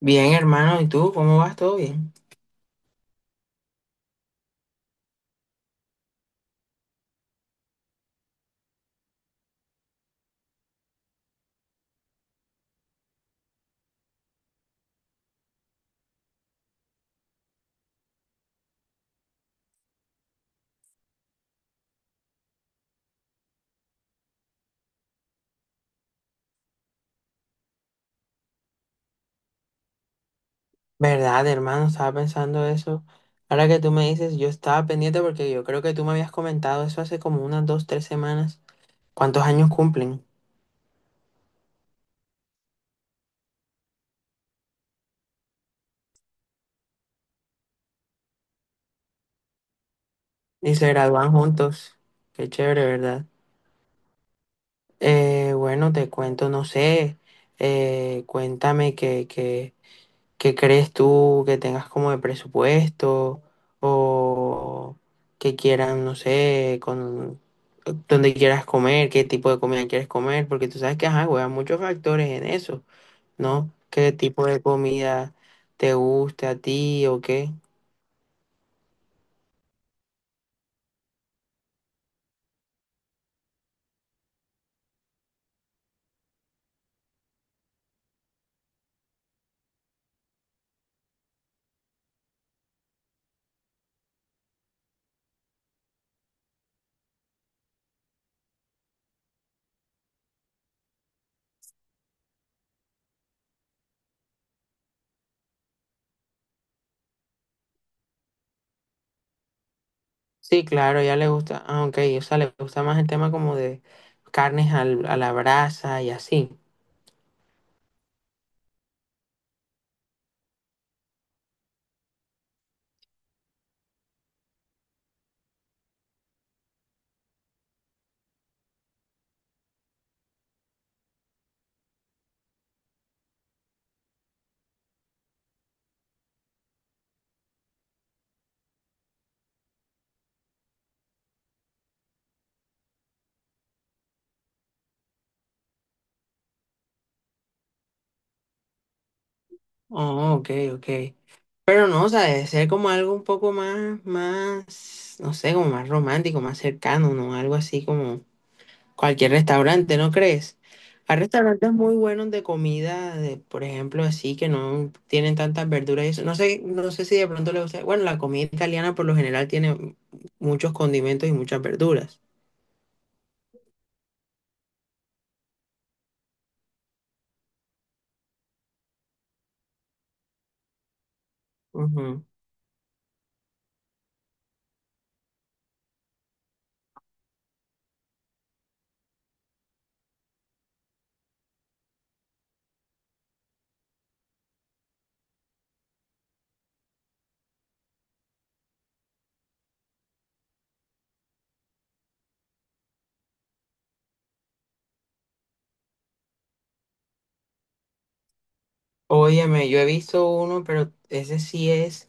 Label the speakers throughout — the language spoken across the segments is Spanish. Speaker 1: Bien, hermano, ¿y tú cómo vas? ¿Todo bien? ¿Verdad, hermano? Estaba pensando eso. Ahora que tú me dices, yo estaba pendiente porque yo creo que tú me habías comentado eso hace como unas 2, 3 semanas. ¿Cuántos años cumplen? Y se gradúan juntos. Qué chévere, ¿verdad? Bueno, te cuento, no sé. Cuéntame que ¿Qué crees tú que tengas como de presupuesto o que quieran, no sé, con dónde quieras comer, qué tipo de comida quieres comer? Porque tú sabes que, ajá, güey, hay muchos factores en eso, ¿no? ¿Qué tipo de comida te gusta a ti o qué? Sí, claro, ya le gusta, ah, ok, o sea, le gusta más el tema como de carnes a la brasa y así. Oh, ok, ok. Pero no, o sea, debe ser como algo un poco más, no sé, como más romántico, más cercano, ¿no? Algo así como cualquier restaurante, ¿no crees? Hay restaurantes muy buenos de comida, de, por ejemplo, así que no tienen tantas verduras y eso. No sé, no sé si de pronto le gusta. Bueno, la comida italiana por lo general tiene muchos condimentos y muchas verduras. Ujú. Óyeme, yo he visto uno, pero ese sí es.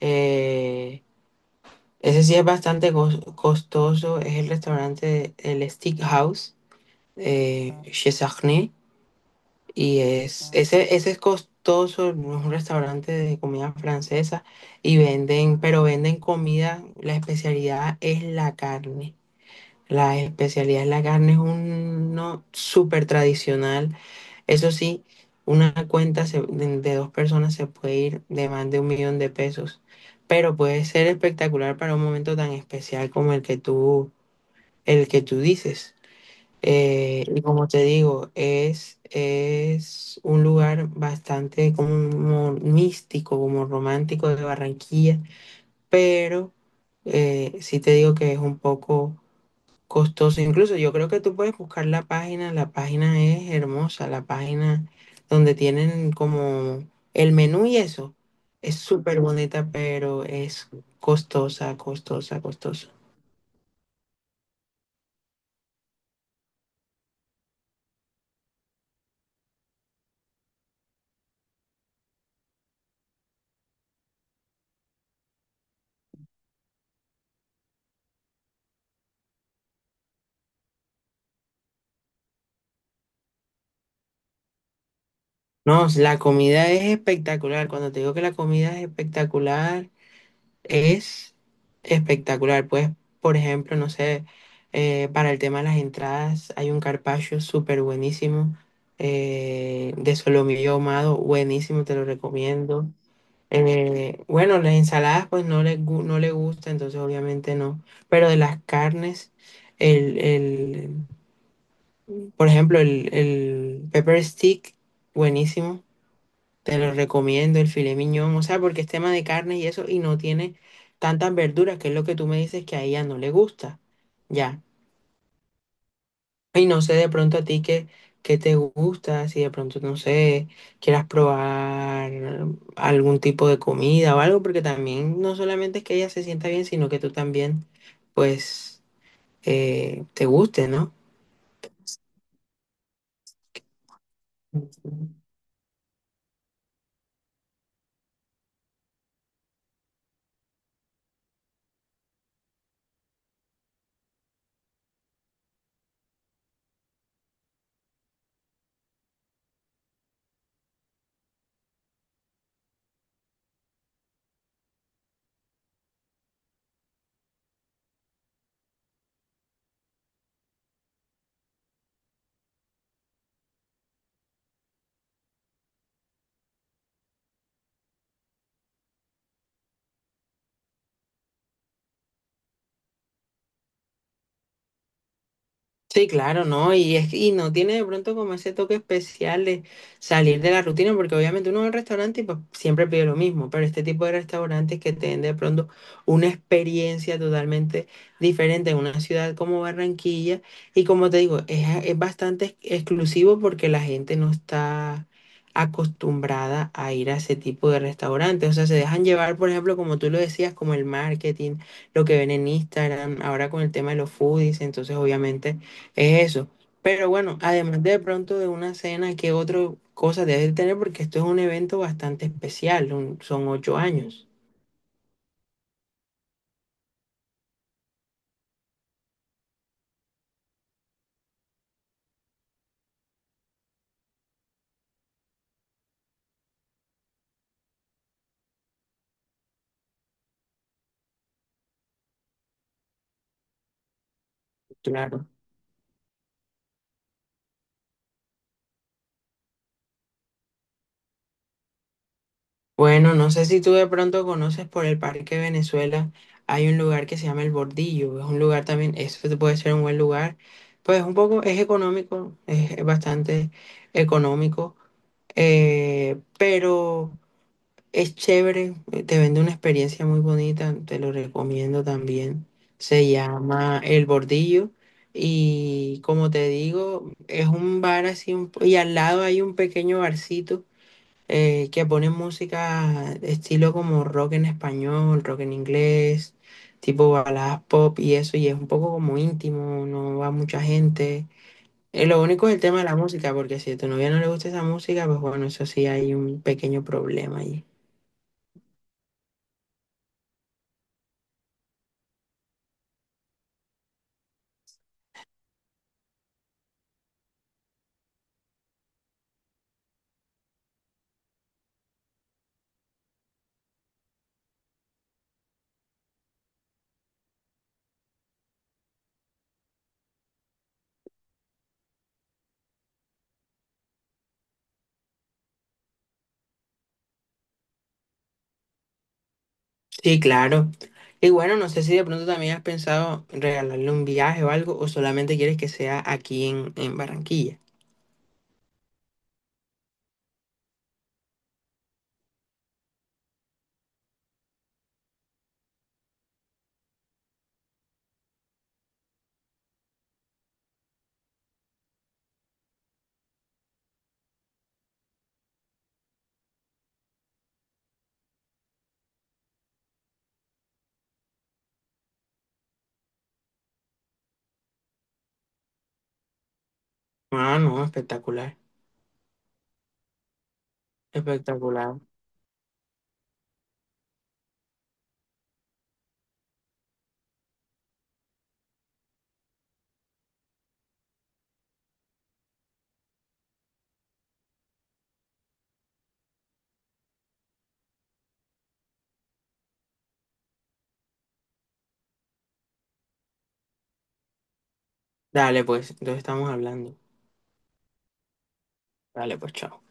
Speaker 1: eh, Ese sí es bastante costoso, es el restaurante El Steak House, Chez Sarney, y es, ese es costoso, no es un restaurante de comida francesa, y venden, pero venden comida, la especialidad es la carne, la especialidad es la carne, es uno súper tradicional, eso sí. Una cuenta de dos personas se puede ir de más de 1 millón de pesos, pero puede ser espectacular para un momento tan especial como el que tú dices. Y como te digo, es un lugar bastante como místico, como romántico de Barranquilla, pero sí te digo que es un poco costoso. Incluso yo creo que tú puedes buscar la página es hermosa, la página donde tienen como el menú y eso. Es súper bonita, pero es costosa, costosa, costosa. No, la comida es espectacular. Cuando te digo que la comida es espectacular. Es espectacular, pues, por ejemplo, no sé, para el tema de las entradas hay un carpaccio súper buenísimo de solomillo ahumado, buenísimo, te lo recomiendo. Bueno, las ensaladas pues no le gusta, entonces obviamente no, pero de las carnes, el, por ejemplo, el pepper stick, buenísimo. Te lo recomiendo el filet miñón, o sea, porque es tema de carnes y eso, y no tiene tantas verduras, que es lo que tú me dices que a ella no le gusta. Ya. Y no sé de pronto a ti qué, qué te gusta, si de pronto, no sé, quieras probar algún tipo de comida o algo, porque también no solamente es que ella se sienta bien, sino que tú también, pues, te guste, ¿no? Sí, claro, ¿no? Y es que- y no tiene de pronto como ese toque especial de salir de la rutina, porque obviamente uno va al restaurante y pues siempre pide lo mismo, pero este tipo de restaurantes que te den de pronto una experiencia totalmente diferente en una ciudad como Barranquilla, y como te digo, es bastante exclusivo porque la gente no está acostumbrada a ir a ese tipo de restaurantes, o sea, se dejan llevar, por ejemplo, como tú lo decías, como el marketing, lo que ven en Instagram, ahora con el tema de los foodies, entonces obviamente es eso. Pero bueno, además de pronto de una cena, ¿qué otra cosa debes de tener? Porque esto es un evento bastante especial, son 8 años. Claro. Bueno, no sé si tú de pronto conoces por el Parque Venezuela, hay un lugar que se llama El Bordillo, es un lugar también, eso te puede ser un buen lugar, pues un poco es económico, es bastante económico, pero es chévere, te vende una experiencia muy bonita, te lo recomiendo también. Se llama El Bordillo y como te digo, es un bar así y al lado hay un pequeño barcito que pone música estilo como rock en español, rock en inglés, tipo baladas pop y eso, y es un poco como íntimo, no va mucha gente. Lo único es el tema de la música, porque si a tu novia no le gusta esa música, pues bueno, eso sí hay un pequeño problema ahí. Sí, claro. Y bueno, no sé si de pronto también has pensado en regalarle un viaje o algo, o solamente quieres que sea aquí en Barranquilla. Ah, no, espectacular, espectacular. Dale, pues, entonces estamos hablando. Dale, pues, chao.